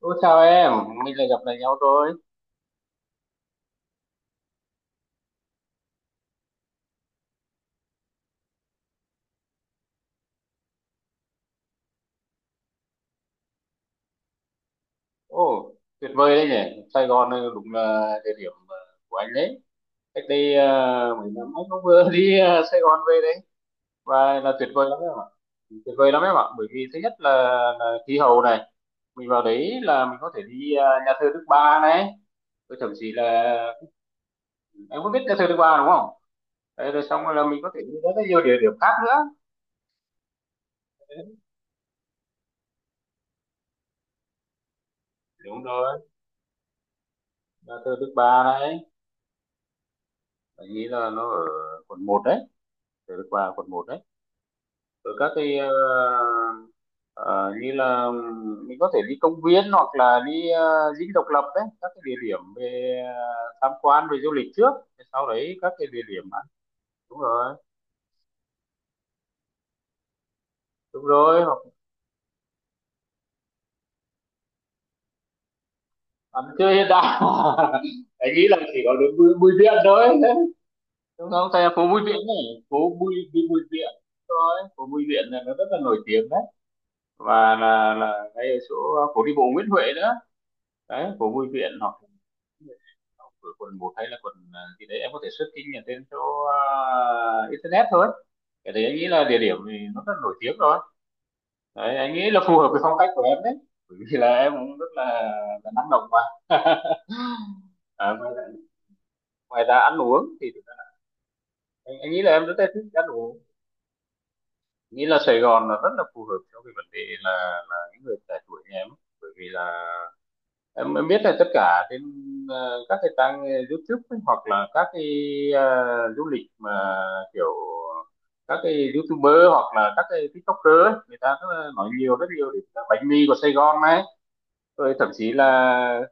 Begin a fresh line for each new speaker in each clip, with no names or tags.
Ô chào em, mình lại gặp lại nhau rồi. Ồ, tuyệt vời đấy nhỉ. Sài Gòn này đúng là địa điểm của anh đấy. Cách đây mấy năm anh cũng vừa đi Sài Gòn về đấy. Và là tuyệt vời lắm em ạ. Tuyệt vời lắm em ạ. Bởi vì thứ nhất là, khí hậu này. Mình vào đấy là mình có thể đi nhà thờ Đức Bà này. Rồi thậm chí là em có biết nhà thờ Đức Bà đúng không? Đấy, rồi xong rồi là mình có thể đi rất là nhiều địa điểm khác nữa. Đúng rồi, nhà thờ Đức Bà này. Anh nghĩ là nó ở quận một đấy. Thờ Đức Bà quận một đấy. Rồi các cái Ờ, như là mình có thể đi công viên hoặc là đi Dinh Độc Lập đấy, các cái địa điểm về tham quan, về du lịch trước, sau đấy các cái địa điểm ăn. Đúng rồi, đúng rồi, hoặc ăn chơi hiện đại. Anh nghĩ là chỉ có đến Bùi Viện thôi, đúng không thầy? Phố Bùi Viện này, phố Bùi, đi Bùi Viện. Đúng rồi, phố Bùi Viện này nó rất là nổi tiếng đấy, và là ngay ở chỗ phố đi bộ Nguyễn Huệ nữa. Đấy, phố Bùi Viện, hoặc ở quận một hay là quận gì đấy em có thể search trên trên chỗ internet thôi. Cái đấy anh nghĩ là địa điểm thì nó rất nổi tiếng rồi. Đấy, anh nghĩ là phù hợp với phong cách của em đấy, bởi vì là em cũng rất là, năng động mà. À, ăn uống thì anh nghĩ là em rất là thích ăn uống. Nghĩ là Sài Gòn là rất là phù hợp cho cái vấn đề là những người trẻ tuổi như em, bởi vì là em biết là tất cả trên các cái trang YouTube ấy, hoặc là các cái ờ, du lịch mà kiểu các cái YouTuber hoặc là các cái TikToker ấy, người ta rất là nói nhiều, rất nhiều đến bánh mì của Sài Gòn này, rồi thậm chí là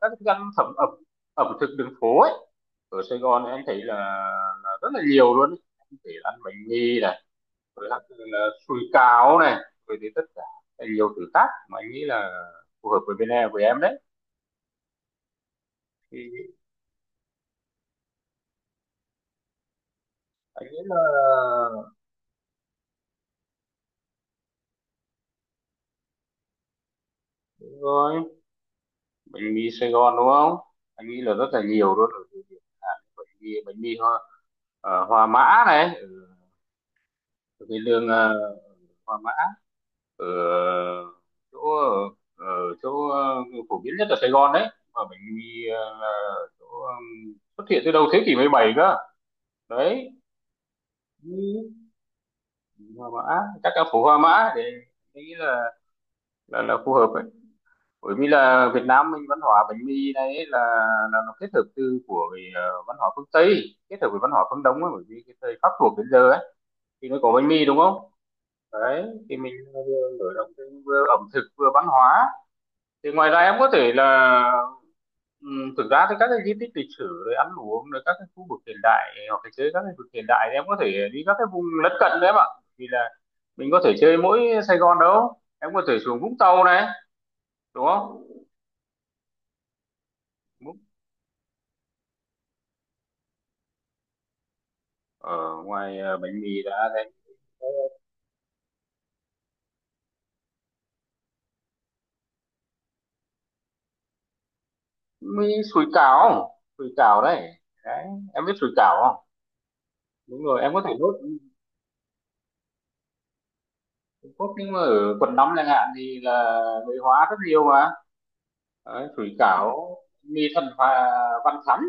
các cái thức ăn thẩm ẩm ẩm thực đường phố ấy ở Sài Gòn. Em thấy là, rất là nhiều luôn ấy. Em thấy ăn bánh mì này, rồi ăn là sủi cảo này, rồi thì tất cả nhiều thứ khác mà anh nghĩ là phù hợp với bên em, với em đấy thì anh nghĩ là. Đúng rồi, bánh mì Sài Gòn đúng không, anh nghĩ là rất là nhiều luôn ở địa điểm. Bánh mì hoa Hòa Mã này, ở ở cái đường Hòa Mã, ở chỗ ở chỗ phổ biến nhất ở Sài Gòn đấy, mà bánh mì là chỗ xuất hiện từ đầu thế kỷ 17 cơ đấy. Ừ, Hòa Mã, chắc là phố Hòa Mã, để anh nghĩ là là phù hợp, bởi vì là Việt Nam mình văn hóa bánh mì này ấy, là nó kết hợp từ của cái văn hóa phương Tây kết hợp với văn hóa phương Đông ấy, bởi vì cái thời Pháp thuộc đến giờ ấy thì mới có bánh mì đúng không. Đấy, thì mình vừa mở rộng thêm, vừa ẩm thực, vừa văn hóa. Thì ngoài ra em có thể là thực ra thì các cái di tích lịch sử rồi ăn uống, rồi các cái khu vực hiện đại hoặc là chơi các cái vực hiện đại, thì em có thể đi các cái vùng lân cận đấy em ạ, vì là mình có thể chơi mỗi Sài Gòn đâu, em có thể xuống Vũng Tàu này đúng không. Ở ngoài bánh mì đã thấy, có mì, sủi cảo. Sủi cảo đấy. Đấy, em biết sủi cảo không? Đúng rồi, em có thể đốt Trung, nhưng mà ở quần nóng chẳng hạn thì là người hóa rất nhiều mà. Đấy, sủi cảo, mì thần và văn thắn,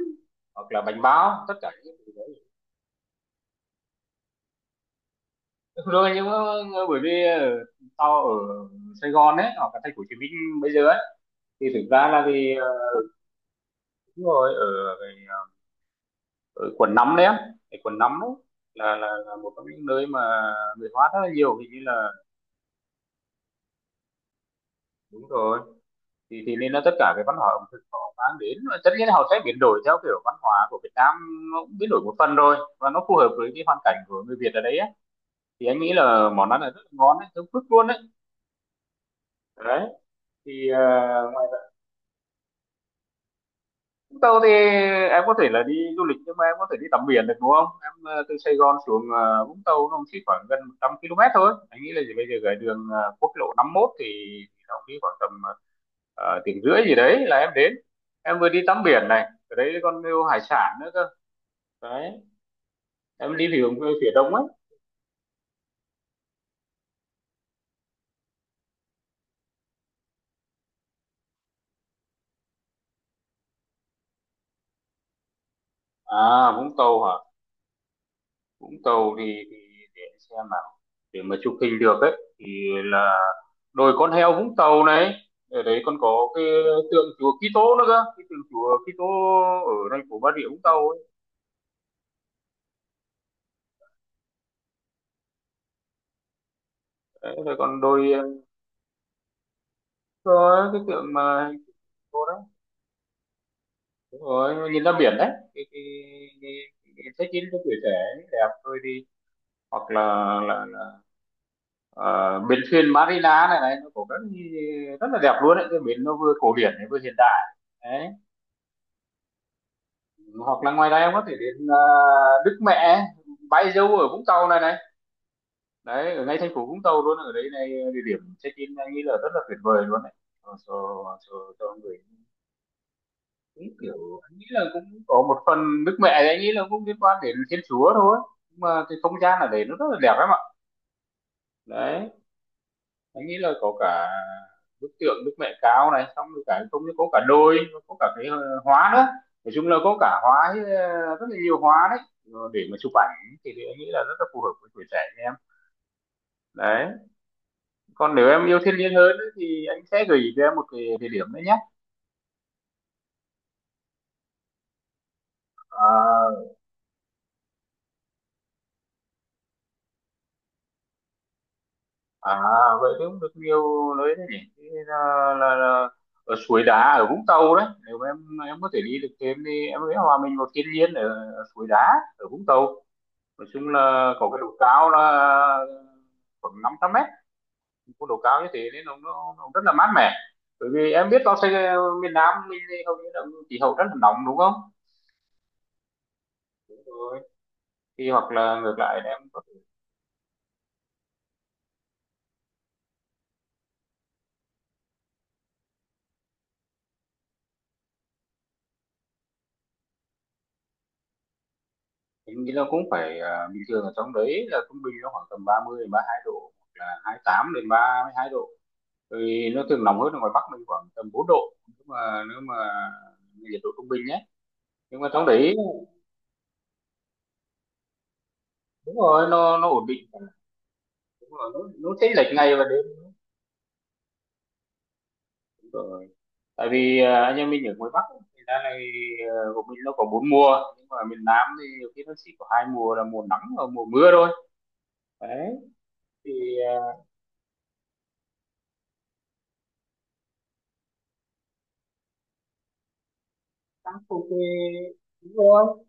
hoặc là bánh bao, tất cả những- rồi, nhưng mà bởi vì tao ở Sài Gòn ấy, hoặc là thành phố Hồ Chí Minh bây giờ ấy, thì thực ra là thì đúng rồi, ở ở quận 5 đấy á, cái quận 5 đấy là một trong những nơi mà người hóa rất là nhiều, hình như là, đúng rồi, thì nên là tất cả cái văn hóa ẩm thực họ mang đến, và tất nhiên là họ sẽ biến đổi theo kiểu văn hóa của Việt Nam. Nó cũng biến đổi một phần rồi và nó phù hợp với cái hoàn cảnh của người Việt ở đấy á. Thì anh nghĩ là món ăn là rất là ngon đấy, giống phức luôn đấy. Đấy thì Vũng Tàu thì em có thể là đi du lịch, nhưng mà em có thể đi tắm biển được đúng không? Em từ Sài Gòn xuống Vũng Tàu nó cũng chỉ khoảng gần 100 km thôi. Anh nghĩ là gì bây giờ cái đường quốc lộ 51 thì nó cũng đi khoảng tầm tiếng rưỡi gì đấy là em đến. Em vừa đi tắm biển này, ở đấy còn nhiều hải sản nữa cơ. Đấy, em đi phía phía đông ấy. À, Vũng Tàu hả? Vũng Tàu thì để em xem nào. Để mà chụp hình được ấy thì là đồi con heo Vũng Tàu này, ở đấy còn có cái tượng chùa Kitô nữa cơ, cái tượng chùa Kitô ở thành phố Bà Rịa Vũng Tàu ấy. Rồi còn đồi có cái tượng mà hình chữ cô đó. Đúng rồi, nhìn ra biển đấy, cái cái cái, cái check in cho tuổi trẻ ấy, đẹp thôi đi, hoặc là là ờ, bến thuyền Marina này này nó có rất, rất là đẹp luôn đấy, cái bến nó vừa cổ điển này vừa hiện đại đấy, hoặc là ngoài ra em có thể đến Đức Mẹ Bái Dâu ở Vũng Tàu này này đấy, ở ngay thành phố Vũng Tàu luôn ở đấy này, địa điểm check in anh nghĩ là rất là tuyệt vời luôn đấy, cho cho cho người, cũng kiểu anh nghĩ là cũng có một phần nước mẹ thì anh nghĩ là cũng liên quan đến Thiên Chúa thôi, nhưng mà cái không gian ở đấy nó rất là đẹp lắm ạ. Đấy, anh nghĩ là có cả bức tượng Đức Mẹ Cao này, xong rồi cả không, có cả đôi, có cả cái hóa nữa, nói chung là có cả hóa, rất là nhiều hóa đấy. Ờ, để mà chụp ảnh thì anh nghĩ là rất là phù hợp với tuổi trẻ em đấy. Còn nếu em yêu thiên nhiên hơn ấy, thì anh sẽ gửi cho em một cái địa điểm đấy nhé. À, à vậy thì cũng được nhiều nơi đấy nhỉ. Thì là ở suối đá ở Vũng Tàu đấy, nếu mà em có thể đi được thêm thì em sẽ hòa mình vào thiên nhiên ở suối đá ở Vũng Tàu, nói chung là có cái độ cao là khoảng 500 mét. Có độ cao như thế nên nó rất là mát mẻ, bởi vì em biết nó sẽ, miền Nam mình thì hầu như là khí hậu rất là nóng đúng không. Rồi thì hoặc là ngược lại em, nghĩ nó cũng phải, à, bình thường ở trong đấy là trung bình nó khoảng tầm 30 đến 32 độ, hoặc là 28 đến 32 độ, thì nó thường nóng hơn ở ngoài Bắc mình khoảng tầm 4 độ, nhưng mà nếu mà nhiệt độ trung bình nhé. Nhưng mà trong đấy đúng rồi, nó ổn định. Đúng rồi, nó chênh lệch ngày và đêm. Đúng rồi. Tại vì anh em mình ở ngoài Bắc ấy, thì ra này, của mình nó có 4 mùa, nhưng mà miền Nam thì nhiều khi nó chỉ có 2 mùa là mùa nắng và mùa mưa thôi. Đấy. Thì à, tăng phục thì đúng rồi.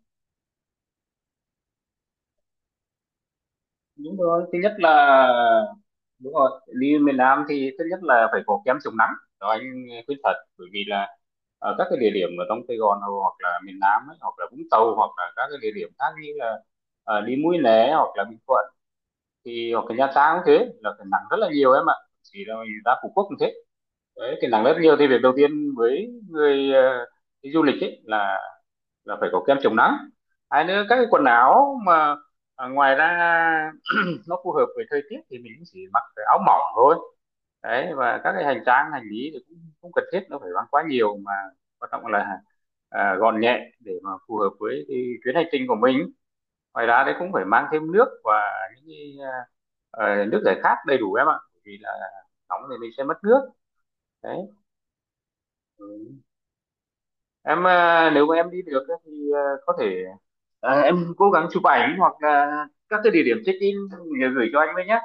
Đúng rồi, thứ nhất là, đúng rồi, đi miền Nam thì thứ nhất là phải có kem chống nắng. Đó anh khuyên thật, bởi vì là ở các cái địa điểm ở trong Sài Gòn hoặc là miền Nam ấy, hoặc là Vũng Tàu, hoặc là các cái địa điểm khác như là đi Mũi Né hoặc là Bình Thuận, thì hoặc là Nha Trang cũng thế, là cái nắng rất là nhiều em ạ. Chỉ là mình ra Phú Quốc cũng thế. Đấy, cái nắng rất nhiều, thì việc đầu tiên với người đi du lịch ấy là phải có kem chống nắng. Hai nữa các cái quần áo mà ngoài ra nó phù hợp với thời tiết thì mình chỉ mặc cái áo mỏng thôi. Đấy, và các cái hành trang hành lý thì cũng không cần thiết nó phải mang quá nhiều, mà quan trọng là gọn nhẹ để mà phù hợp với cái chuyến hành trình của mình. Ngoài ra đấy cũng phải mang thêm nước và những cái, nước giải khát đầy đủ em ạ. Bởi vì là nóng thì mình sẽ mất nước. Đấy. Ừ. Em à, nếu mà em đi được ấy thì có thể, em cố gắng chụp ảnh hoặc là các cái địa điểm check in gửi cho anh với nhé.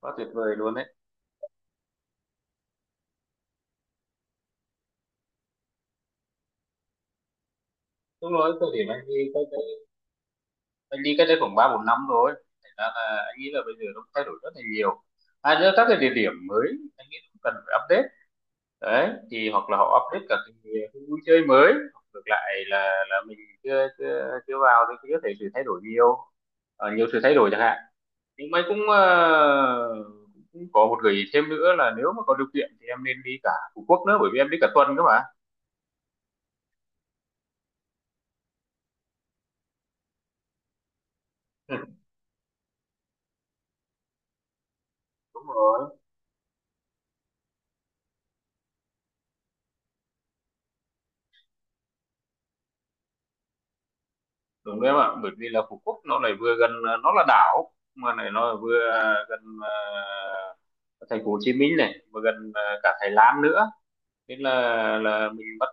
Quá tuyệt vời luôn đấy. Đúng rồi, thời điểm anh đi có, anh đi cách đây khoảng 3-4 năm rồi, thành ra là anh nghĩ là bây giờ nó cũng thay đổi rất là nhiều. À nữa, các cái địa điểm mới anh nghĩ cũng cần phải update. Đấy, thì hoặc là họ update cả cái vui chơi mới, hoặc ngược lại là mình chưa chưa, chưa vào thì có thể sự thay đổi nhiều. Ờ, nhiều sự thay đổi chẳng hạn. Nhưng mà cũng cũng có một gợi ý thêm nữa là nếu mà có điều kiện thì em nên đi cả Phú Quốc nữa, bởi vì em đi cả tuần cơ mà. Đúng rồi. Đúng đấy em ạ, bởi vì là Phú Quốc nó lại vừa gần, nó là đảo mà này, nó vừa gần thành phố Hồ Chí Minh này, vừa gần cả Thái Lan nữa. Nên là mình bắt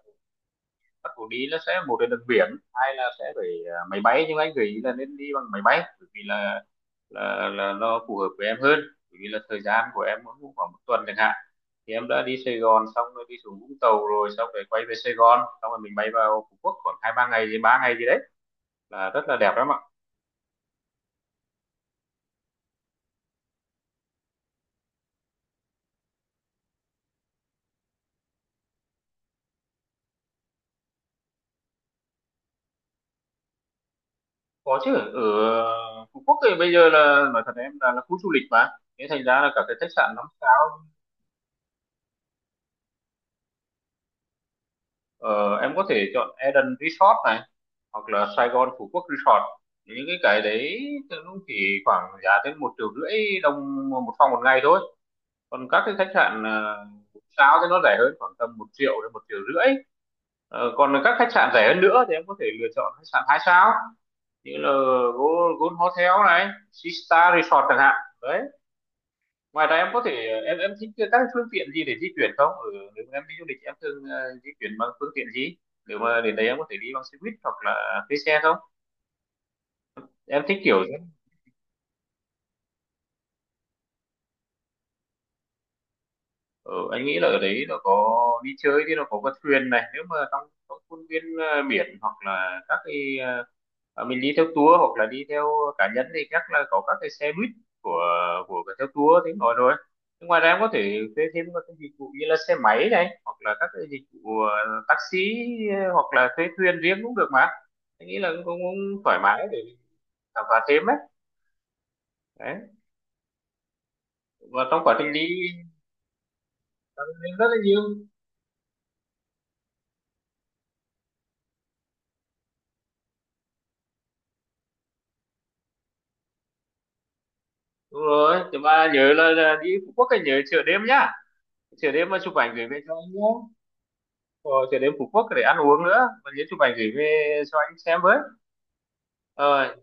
bắt buộc đi nó sẽ một là đường biển, hai là sẽ phải máy bay. Nhưng mà anh gợi ý là nên đi bằng máy bay bởi vì là nó phù hợp với em hơn. Bởi vì là thời gian của em cũng khoảng một tuần chẳng hạn, thì em đã đi Sài Gòn xong rồi đi xuống Vũng Tàu, rồi xong rồi quay về Sài Gòn, xong rồi mình bay vào Phú Quốc khoảng 2-3 ngày gì, 3 ngày gì đấy, là rất là đẹp lắm ạ. Có chứ, ở Phú Quốc thì bây giờ là nói thật em, là khu du lịch mà, thế thành ra là cả cái khách sạn 5 sao. Ờ, em có thể chọn Eden Resort này hoặc là Sài Gòn Phú Quốc Resort, những cái đấy thì nó chỉ khoảng giá tới 1.500.000 đồng một phòng một ngày thôi. Còn các cái khách sạn 1 sao thì nó rẻ hơn khoảng tầm 1.000.000 đến 1.500.000. Ờ, còn các khách sạn rẻ hơn nữa thì em có thể lựa chọn khách sạn 2 sao như là Gold Hotel này, Sea Star Resort chẳng hạn. Đấy. Ngoài ra em có thể, em thích các cái phương tiện gì để di chuyển không? Ở nếu mà em đi du lịch em thường di chuyển bằng phương tiện gì? Nếu mà đến đấy em có thể đi bằng xe buýt hoặc là thuê xe không? Em thích kiểu. Ở anh nghĩ là ở đấy nó có, đi chơi thì nó có con thuyền này nếu mà trong khuôn viên biển, hoặc là các cái, mình đi theo tour hoặc là đi theo cá nhân thì chắc là có các cái xe buýt của của cái theo tour tiếng nói rồi. Nhưng ngoài ra em có thể thuê thêm các cái dịch vụ như là xe máy này, hoặc là các cái dịch vụ taxi, hoặc là thuê thuyền riêng cũng được mà anh nghĩ là cũng thoải mái để khám phá thêm ấy. Đấy. Và trong quá trình đi, cảm ơn em rất là nhiều. Đúng rồi, thì mà nhớ là đi Phú Quốc anh nhớ chợ đêm nhá, chợ đêm mà chụp ảnh gửi về cho anh nhé. Rồi chợ đêm Phú Quốc để ăn uống nữa, và nhớ chụp ảnh gửi về cho anh xem với. Ờ,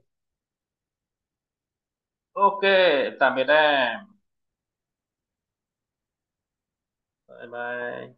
ok, tạm biệt em. Bye bye.